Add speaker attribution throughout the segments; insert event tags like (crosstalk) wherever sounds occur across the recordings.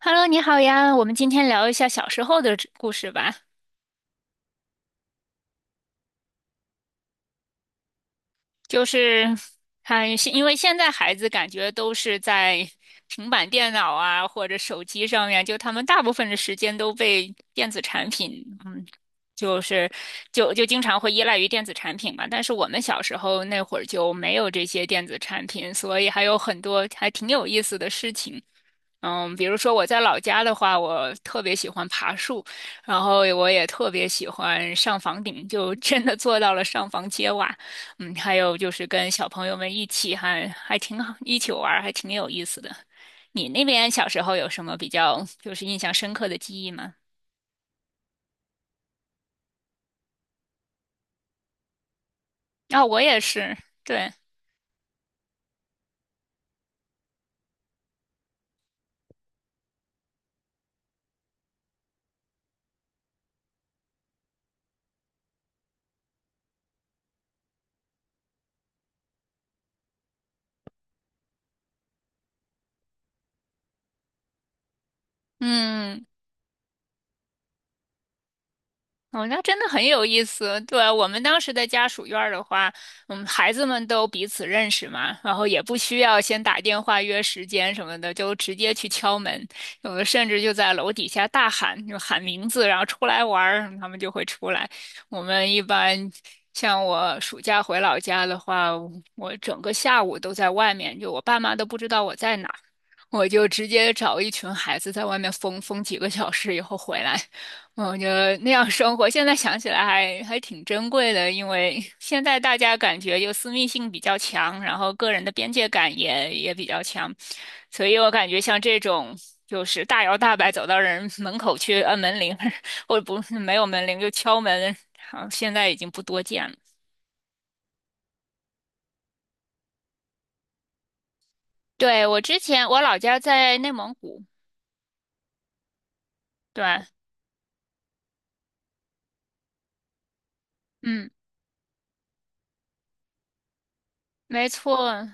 Speaker 1: Hello，你好呀，我们今天聊一下小时候的这故事吧。就是还现因为现在孩子感觉都是在平板电脑啊或者手机上面，就他们大部分的时间都被电子产品，嗯，就是就就经常会依赖于电子产品嘛。但是我们小时候那会儿就没有这些电子产品，所以还有很多还挺有意思的事情。嗯，比如说我在老家的话，我特别喜欢爬树，然后我也特别喜欢上房顶，就真的做到了上房揭瓦。嗯，还有就是跟小朋友们一起还挺好，一起玩儿还挺有意思的。你那边小时候有什么比较就是印象深刻的记忆吗？啊、我也是，对，嗯，哦，那真的很有意思。对啊，我们当时的家属院儿的话，嗯，孩子们都彼此认识嘛，然后也不需要先打电话约时间什么的，就直接去敲门，有的甚至就在楼底下大喊，就喊名字，然后出来玩儿，他们就会出来。我们一般像我暑假回老家的话，我整个下午都在外面，就我爸妈都不知道我在哪。我就直接找一群孩子在外面疯几个小时以后回来，嗯我觉得那样生活，现在想起来还挺珍贵的，因为现在大家感觉就私密性比较强，然后个人的边界感也比较强，所以我感觉像这种就是大摇大摆走到人门口去按门铃，(laughs) 或者不是没有门铃就敲门，好像现在已经不多见了。对，我之前我老家在内蒙古，对，嗯，没错。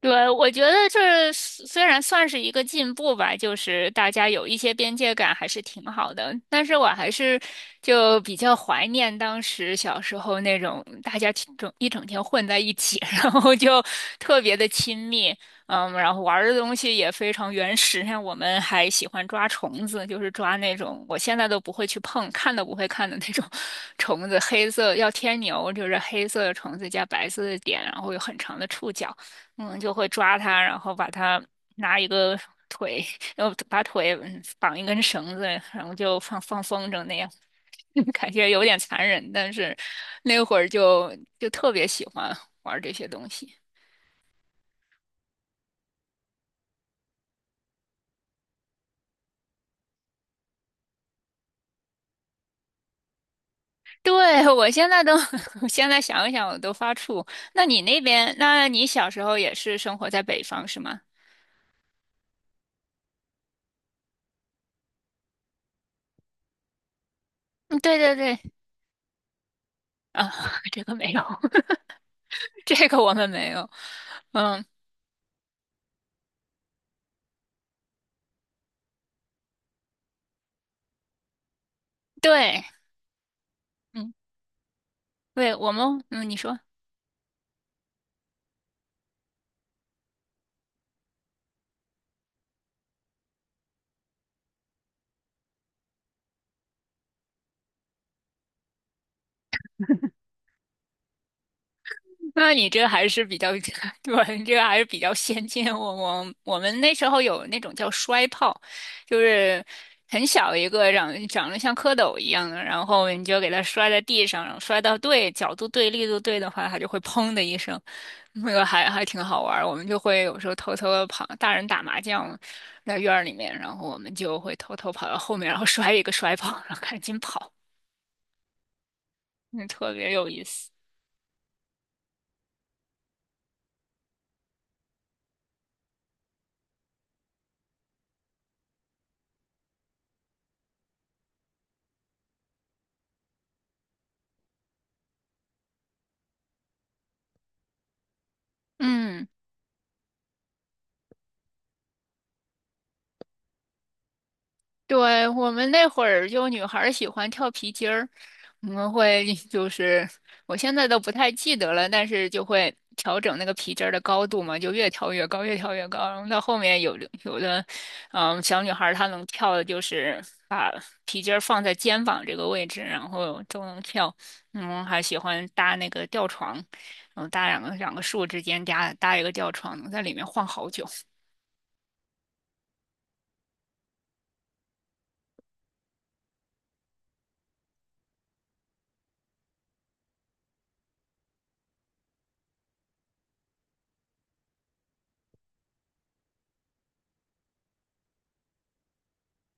Speaker 1: 对，我觉得这虽然算是一个进步吧，就是大家有一些边界感还是挺好的。但是我还是就比较怀念当时小时候那种大家一整天混在一起，(laughs) 然后就特别的亲密，嗯，然后玩的东西也非常原始。像我们还喜欢抓虫子，就是抓那种我现在都不会去碰，看都不会看的那种 (laughs) 虫子，黑色要天牛，就是黑色的虫子加白色的点，然后有很长的触角。嗯，就会抓它，然后把它拿一个腿，然后把腿绑一根绳子，然后就放风筝那样，(laughs) 感觉有点残忍，但是那会儿就特别喜欢玩这些东西。对，我现在都，(laughs) 我现在想一想我都发怵。那你那边，那你小时候也是生活在北方是吗？嗯，对对对，啊，(laughs) 这个没有，(laughs) 这个我们没有。嗯，对，嗯，对，我们，嗯，你说。(laughs) 那你这还是比较，(laughs) 对，你这个还是比较先进。我们那时候有那种叫摔炮，就是很小一个长长得像蝌蚪一样的，然后你就给它摔在地上，然后摔到对角度对力度对的话，它就会砰的一声，那个还挺好玩儿。我们就会有时候偷偷的跑，大人打麻将在院儿里面，然后我们就会偷偷跑到后面，然后摔一个摔炮，然后赶紧跑，那特别有意思。嗯。对，我们那会儿就女孩儿喜欢跳皮筋儿，我们会 (laughs) 就是我现在都不太记得了，但是就会调整那个皮筋儿的高度嘛，就越跳越高，越跳越高。然后到后面有的，嗯，小女孩儿她能跳的就是把皮筋儿放在肩膀这个位置，然后都能跳。嗯，还喜欢搭那个吊床，然后搭两个树之间搭一个吊床，能在里面晃好久。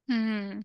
Speaker 1: 嗯。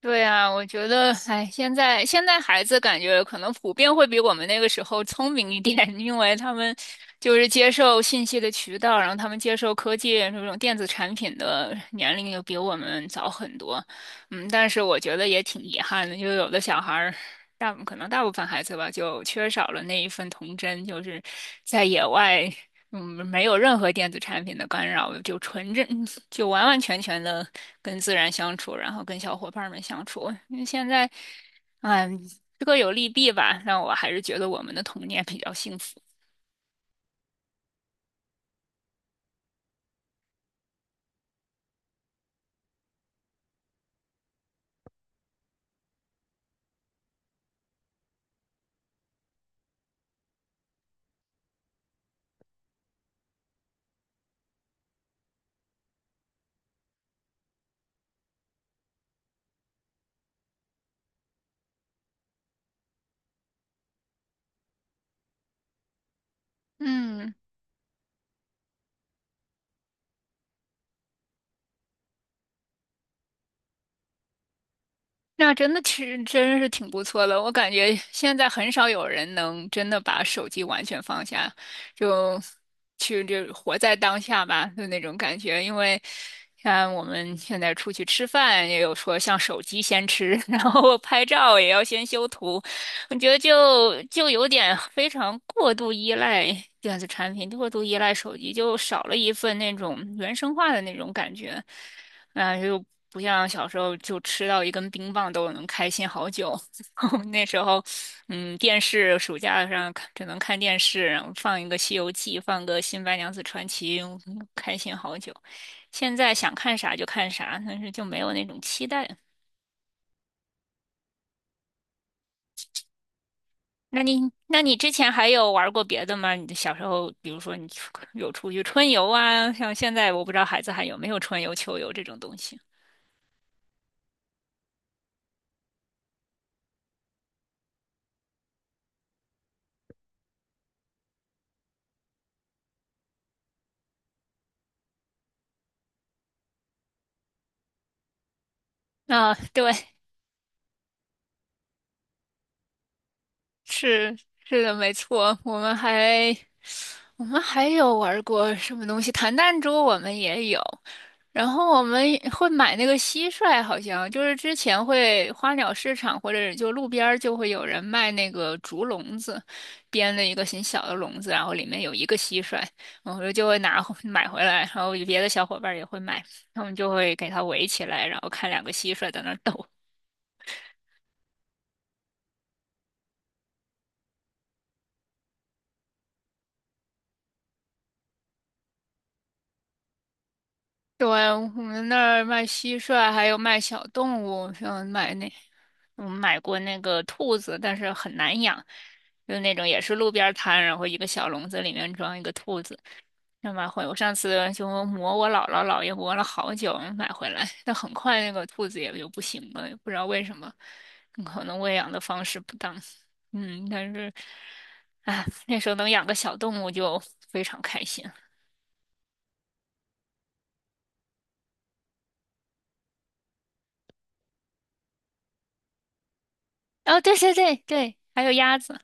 Speaker 1: 对啊，我觉得，哎，现在孩子感觉可能普遍会比我们那个时候聪明一点，(laughs) 因为他们就是接受信息的渠道，然后他们接受科技这种电子产品的年龄又比我们早很多。嗯，但是我觉得也挺遗憾的，就有的小孩儿，大可能大部分孩子吧，就缺少了那一份童真，就是在野外，嗯，没有任何电子产品的干扰，就纯真，(laughs) 就完完全全的。跟自然相处，然后跟小伙伴们相处。因为现在，嗯，各有利弊吧，让我还是觉得我们的童年比较幸福。嗯，那真的其实真是挺不错的，我感觉现在很少有人能真的把手机完全放下，就就活在当下吧，就那种感觉。因为像我们现在出去吃饭，也有说像手机先吃，(laughs) 然后拍照也要先修图，我觉得就有点非常过度依赖电子产品，过度依赖手机，就少了一份那种原生化的那种感觉。嗯，就不像小时候就吃到一根冰棒都能开心好久。(laughs) 那时候，嗯，电视暑假上看只能看电视，然后放一个《西游记》，放个《新白娘子传奇》，嗯开心好久。现在想看啥就看啥，但是就没有那种期待。那你，那你之前还有玩过别的吗？你的小时候，比如说你出去春游啊，像现在我不知道孩子还有没有春游、秋游这种东西。啊，对，是是的，没错，我们还。我们还有玩过什么东西？弹弹珠我们也有，然后我们也会买那个蟋蟀，好像就是之前会花鸟市场或者就路边儿就会有人卖那个竹笼子，编的一个很小的笼子，然后里面有一个蟋蟀，我们就会买回来，然后别的小伙伴儿也会买，他们就会给它围起来，然后看两个蟋蟀在那儿斗。对，我们那儿卖蟋蟀，还有卖小动物，像买那，我们买过那个兔子，但是很难养，就那种也是路边儿摊，然后一个小笼子里面装一个兔子，那买回我上次就磨我姥姥姥爷磨了好久买回来，但很快那个兔子也就不行了，也不知道为什么，可能喂养的方式不当，嗯，但是，哎，那时候能养个小动物就非常开心。哦，对对对对，还有鸭子。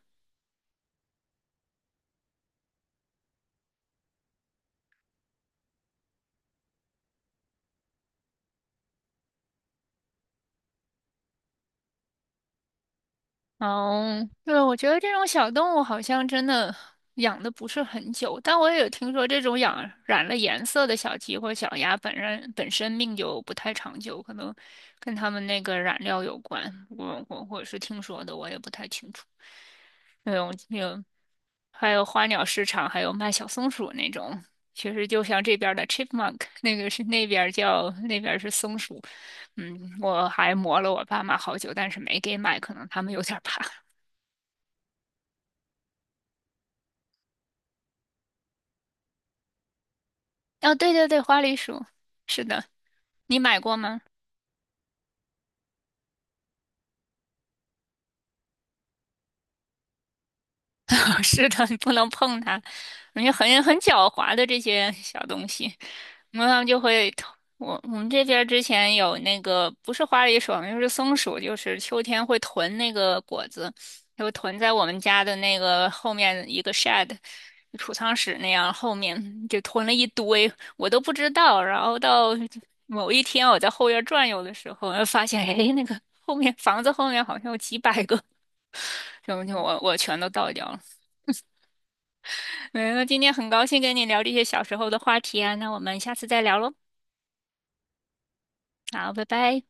Speaker 1: 哦，对，我觉得这种小动物好像真的养的不是很久，但我也有听说这种养染了颜色的小鸡或小鸭本身命就不太长久，可能跟它们那个染料有关。我是听说的，我也不太清楚。那种有还有花鸟市场，还有卖小松鼠那种，其实就像这边儿的 chipmunk，那个是那边儿叫那边儿是松鼠。嗯，我还磨了我爸妈好久，但是没给买，可能他们有点儿怕。哦，对对对，花栗鼠，是的，你买过吗？(laughs) 是的，你不能碰它，因为很狡猾的这些小东西。然后他们就会我们这边儿之前有那个不是花梨鼠，就是松鼠，就是秋天会囤那个果子，就囤在我们家的那个后面一个 shed 储藏室那样后面，就囤了一堆，我都不知道。然后到某一天我在后院转悠的时候，发现哎，那个后面房子后面好像有几百个，然后就我全都倒掉了。嗯，那今天很高兴跟你聊这些小时候的话题啊，那我们下次再聊喽。好，拜拜。